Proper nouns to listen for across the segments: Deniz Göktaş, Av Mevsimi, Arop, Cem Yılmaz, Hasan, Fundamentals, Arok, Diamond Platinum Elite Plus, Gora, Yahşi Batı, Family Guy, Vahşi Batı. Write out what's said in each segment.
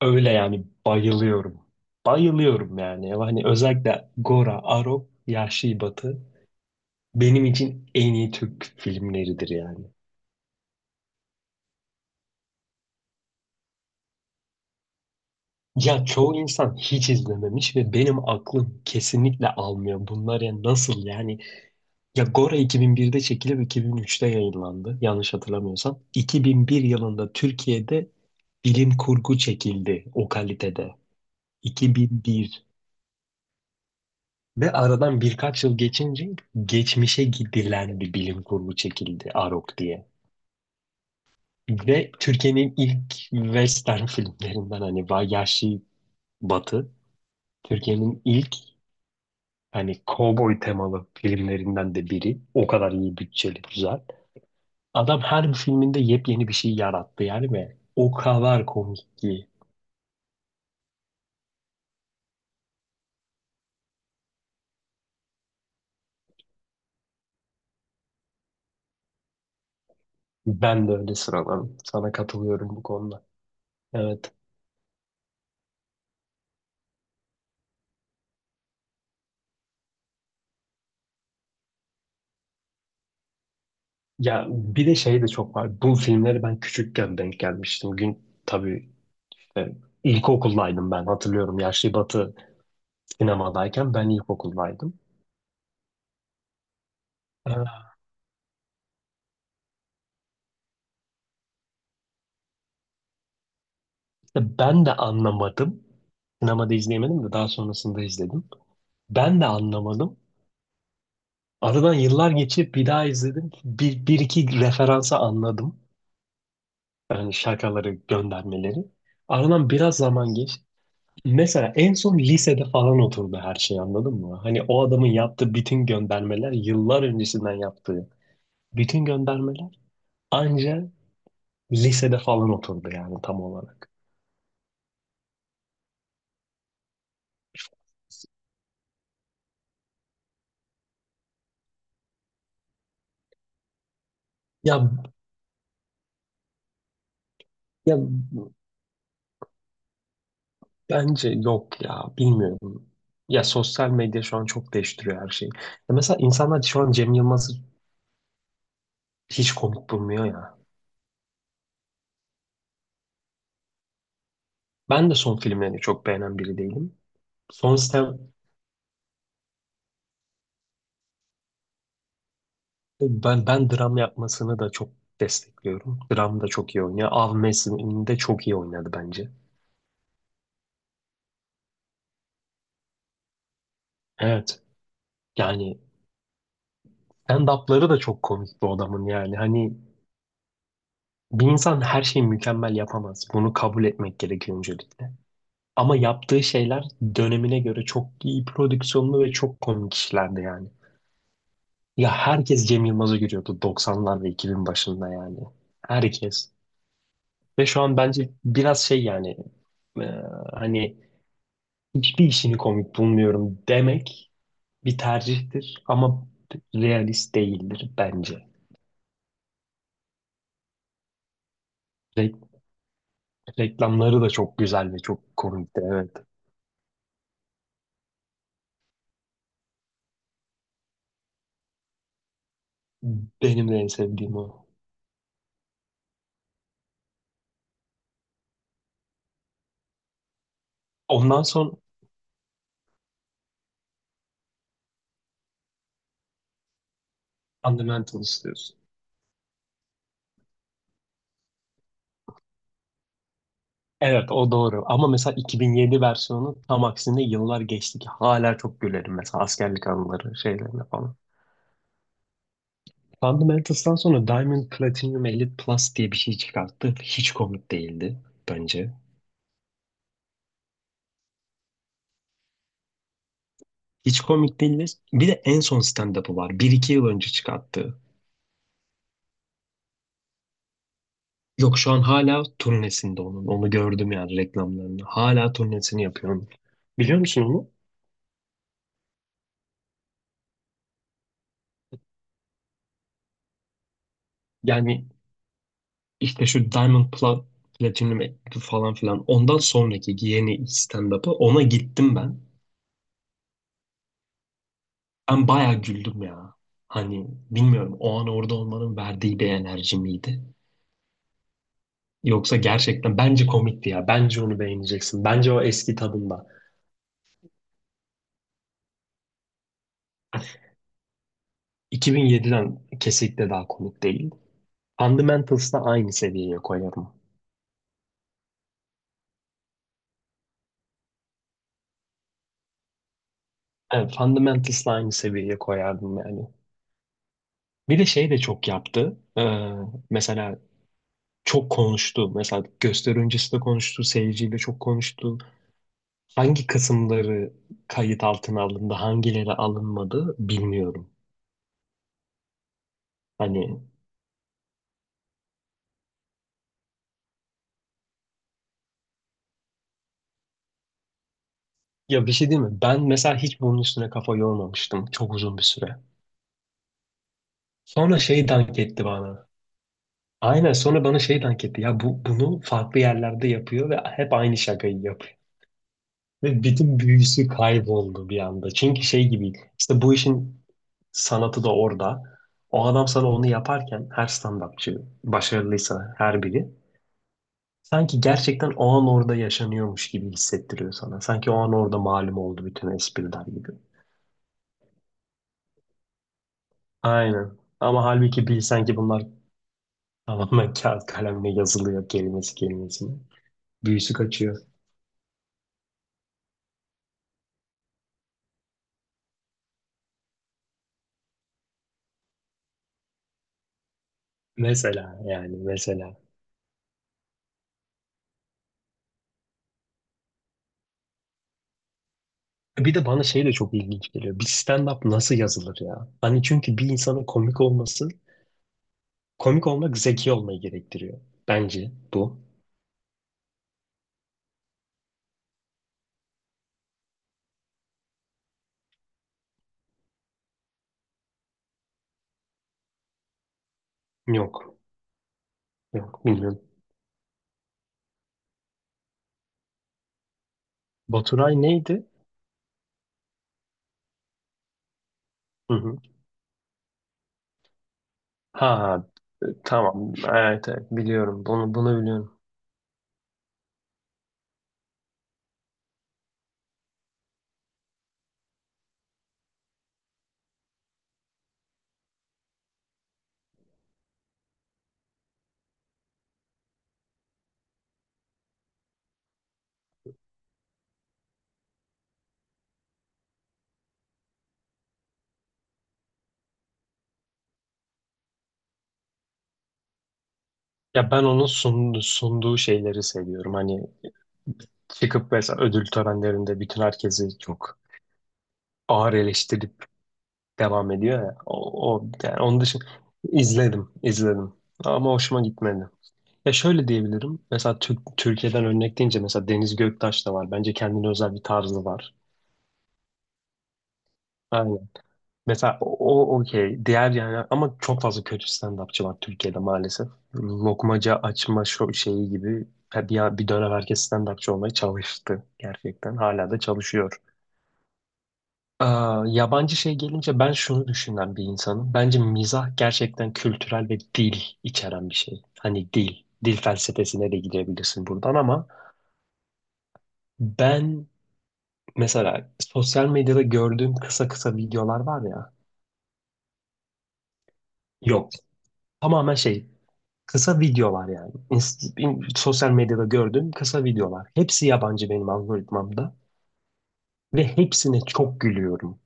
Öyle yani bayılıyorum. Bayılıyorum yani. Hani özellikle Gora, Arop, Yahşi Batı benim için en iyi Türk filmleridir yani. Ya çoğu insan hiç izlememiş ve benim aklım kesinlikle almıyor. Bunlar ya nasıl yani? Ya Gora 2001'de çekilip 2003'te yayınlandı, yanlış hatırlamıyorsam. 2001 yılında Türkiye'de bilim kurgu çekildi o kalitede. 2001. Ve aradan birkaç yıl geçince geçmişe gidilen bir bilim kurgu çekildi Arok diye. Ve Türkiye'nin ilk western filmlerinden, hani Vahşi Batı, Türkiye'nin ilk hani kovboy temalı filmlerinden de biri. O kadar iyi bütçeli, güzel. Adam her bir filminde yepyeni bir şey yarattı yani ve o kadar komik ki. Ben de öyle sıralarım. Sana katılıyorum bu konuda. Evet. Ya bir de şey de çok var. Bu filmleri ben küçükken denk gelmiştim. Tabii. E, İlkokuldaydım ben, hatırlıyorum. Yaşlı Batı sinemadayken ben ilkokuldaydım. E, işte ben de anlamadım. Sinemada izleyemedim de daha sonrasında izledim. Ben de anlamadım. Aradan yıllar geçip bir daha izledim. Bir iki referansa anladım. Yani şakaları, göndermeleri. Aradan biraz zaman geç. Mesela en son lisede falan oturdu her şey, anladın mı? Hani o adamın yaptığı bütün göndermeler, yıllar öncesinden yaptığı bütün göndermeler anca lisede falan oturdu yani tam olarak. Ya ya bence yok ya, bilmiyorum. Ya sosyal medya şu an çok değiştiriyor her şeyi. Ya mesela insanlar şu an Cem Yılmaz'ı hiç komik bulmuyor ya. Ben de son filmlerini çok beğenen biri değilim. Son sistem ben ben dram yapmasını da çok destekliyorum. Dram da çok iyi oynuyor. Av Mevsimi'nde çok iyi oynadı bence. Evet. Yani stand-up'ları da çok komik bu adamın yani. Hani bir insan her şeyi mükemmel yapamaz. Bunu kabul etmek gerekiyor öncelikle. Ama yaptığı şeyler dönemine göre çok iyi prodüksiyonlu ve çok komik işlerdi yani. Ya herkes Cem Yılmaz'ı görüyordu 90'lar ve 2000 başında yani. Herkes. Ve şu an bence biraz şey yani, e, hani hiçbir işini komik bulmuyorum demek bir tercihtir ama realist değildir bence. Re- Reklamları da çok güzel ve çok komikti, evet. Benim de en sevdiğim o. Ondan sonra Fundamentals diyorsun. Evet, o doğru. Ama mesela 2007 versiyonu tam aksine, yıllar geçti ki hala çok gülerim mesela askerlik anıları şeylerine falan. Fundamentals'tan sonra Diamond Platinum Elite Plus diye bir şey çıkarttı. Hiç komik değildi bence. Hiç komik değildi. Bir de en son stand-up'ı var. Bir iki yıl önce çıkarttı. Yok, şu an hala turnesinde onun. Onu gördüm yani, reklamlarını. Hala turnesini yapıyor onun. Biliyor musun onu? Yani, İşte şu Diamond Platinum falan filan. Ondan sonraki yeni stand-up'ı, ona gittim ben. Ben bayağı güldüm ya. Hani bilmiyorum, o an orada olmanın verdiği bir enerji miydi? Yoksa gerçekten bence komikti ya. Bence onu beğeneceksin. Bence o eski tadında. 2007'den kesinlikle daha komik değil. Fundamentals'la aynı seviyeye koyarım. Evet, Fundamentals'la aynı seviyeye koyardım yani. Bir de şey de çok yaptı. Mesela çok konuştu. Mesela gösteri öncesi de konuştu, seyirciyle çok konuştu. Hangi kısımları kayıt altına alındı, hangileri alınmadı bilmiyorum. Hani, ya bir şey değil mi? Ben mesela hiç bunun üstüne kafa yormamıştım çok uzun bir süre. Sonra şey dank etti bana. Aynen, sonra bana şey dank etti. Ya bu, bunu farklı yerlerde yapıyor ve hep aynı şakayı yapıyor. Ve bütün büyüsü kayboldu bir anda. Çünkü şey gibi, işte bu işin sanatı da orada. O adam sana onu yaparken, her stand-upçı başarılıysa her biri sanki gerçekten o an orada yaşanıyormuş gibi hissettiriyor sana. Sanki o an orada malum oldu bütün espriler gibi. Aynen. Ama halbuki bilsen ki bunlar tamamen kağıt kalemle yazılıyor, kelimesi kelimesine. Büyüsü kaçıyor. Mesela yani, mesela. Bir de bana şey de çok ilginç geliyor. Bir stand-up nasıl yazılır ya? Hani çünkü bir insanın komik olması, komik olmak zeki olmayı gerektiriyor. Bence bu. Yok. Yok, bilmiyorum. Baturay neydi? Hı hı. Ha, tamam. Evet, evet, biliyorum. Bunu biliyorum. Ya ben onun sunduğu şeyleri seviyorum. Hani çıkıp mesela ödül törenlerinde bütün herkesi çok ağır eleştirip devam ediyor ya. O yani, onun dışında izledim, izledim. Ama hoşuma gitmedi. Ya şöyle diyebilirim. Mesela Türkiye'den örnek deyince, mesela Deniz Göktaş da var. Bence kendine özel bir tarzı var. Aynen. Mesela o okey. Diğer yani, ama çok fazla kötü stand-upçı var Türkiye'de maalesef. Lokmaca açma şeyi gibi bir dönem herkes stand-upçı olmaya çalıştı gerçekten. Hala da çalışıyor. Aa, yabancı şey gelince, ben şunu düşünen bir insanım. Bence mizah gerçekten kültürel ve dil içeren bir şey. Hani dil felsefesine de gidebilirsin buradan, ama ben. Mesela sosyal medyada gördüğüm kısa kısa videolar var ya. Yok. Tamamen şey. Kısa videolar yani. Sosyal medyada gördüğüm kısa videolar. Hepsi yabancı benim algoritmamda. Ve hepsine çok gülüyorum.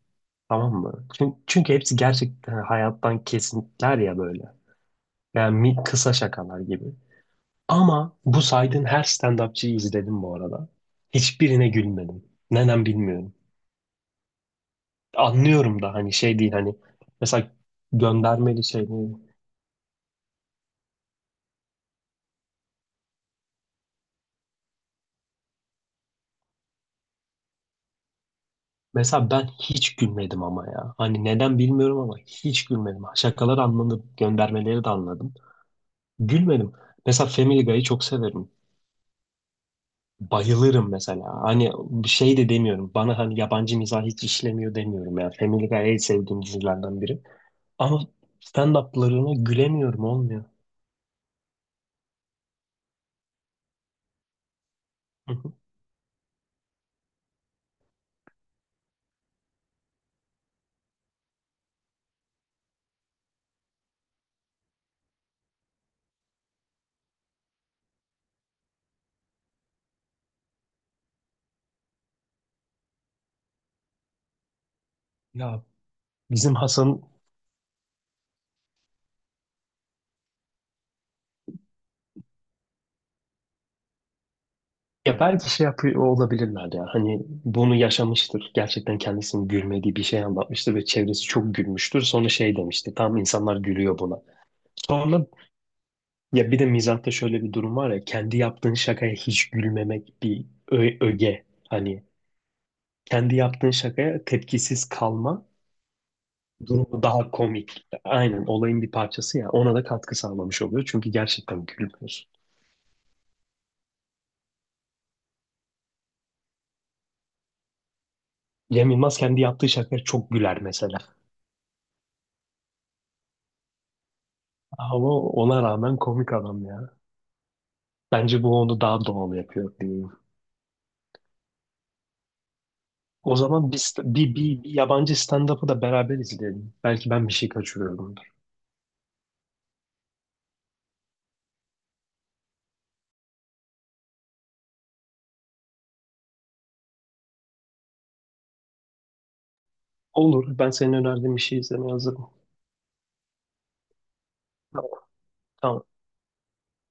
Tamam mı? Çünkü hepsi gerçekten hayattan kesitler ya, böyle. Yani kısa şakalar gibi. Ama bu saydığın her stand-upçıyı izledim bu arada. Hiçbirine gülmedim. Neden bilmiyorum. Anlıyorum da hani, şey değil hani, mesela göndermeli şey mi? Mesela ben hiç gülmedim ama ya. Hani neden bilmiyorum ama hiç gülmedim. Şakalar anladım, göndermeleri de anladım. Gülmedim. Mesela Family Guy'ı çok severim. Bayılırım mesela. Hani bir şey de demiyorum. Bana hani yabancı mizah hiç işlemiyor demiyorum ya. Family Guy en sevdiğim dizilerden biri. Ama stand-up'larına gülemiyorum, olmuyor. Hı hı. Ya bizim Hasan Ya belki şey yapıyor olabilirler ya. Hani bunu yaşamıştır. Gerçekten kendisinin gülmediği bir şey anlatmıştır ve çevresi çok gülmüştür. Sonra şey demişti. Tam insanlar gülüyor buna. Sonra, ya bir de mizahta şöyle bir durum var ya. Kendi yaptığın şakaya hiç gülmemek bir öge. Hani kendi yaptığın şakaya tepkisiz kalma durumu daha komik. Aynen, olayın bir parçası ya. Ona da katkı sağlamış oluyor. Çünkü gerçekten gülmüyorsun. Cem Yılmaz kendi yaptığı şakaya çok güler mesela. Ama ona rağmen komik adam ya. Bence bu onu daha doğal yapıyor diyeyim. O zaman bir, st- bir, bir, bir yabancı stand-up'ı da beraber izleyelim. Belki ben bir şey kaçırıyorumdur. Olur. Ben senin önerdiğin bir şey izlemeye hazırım. Tamam. Tamam.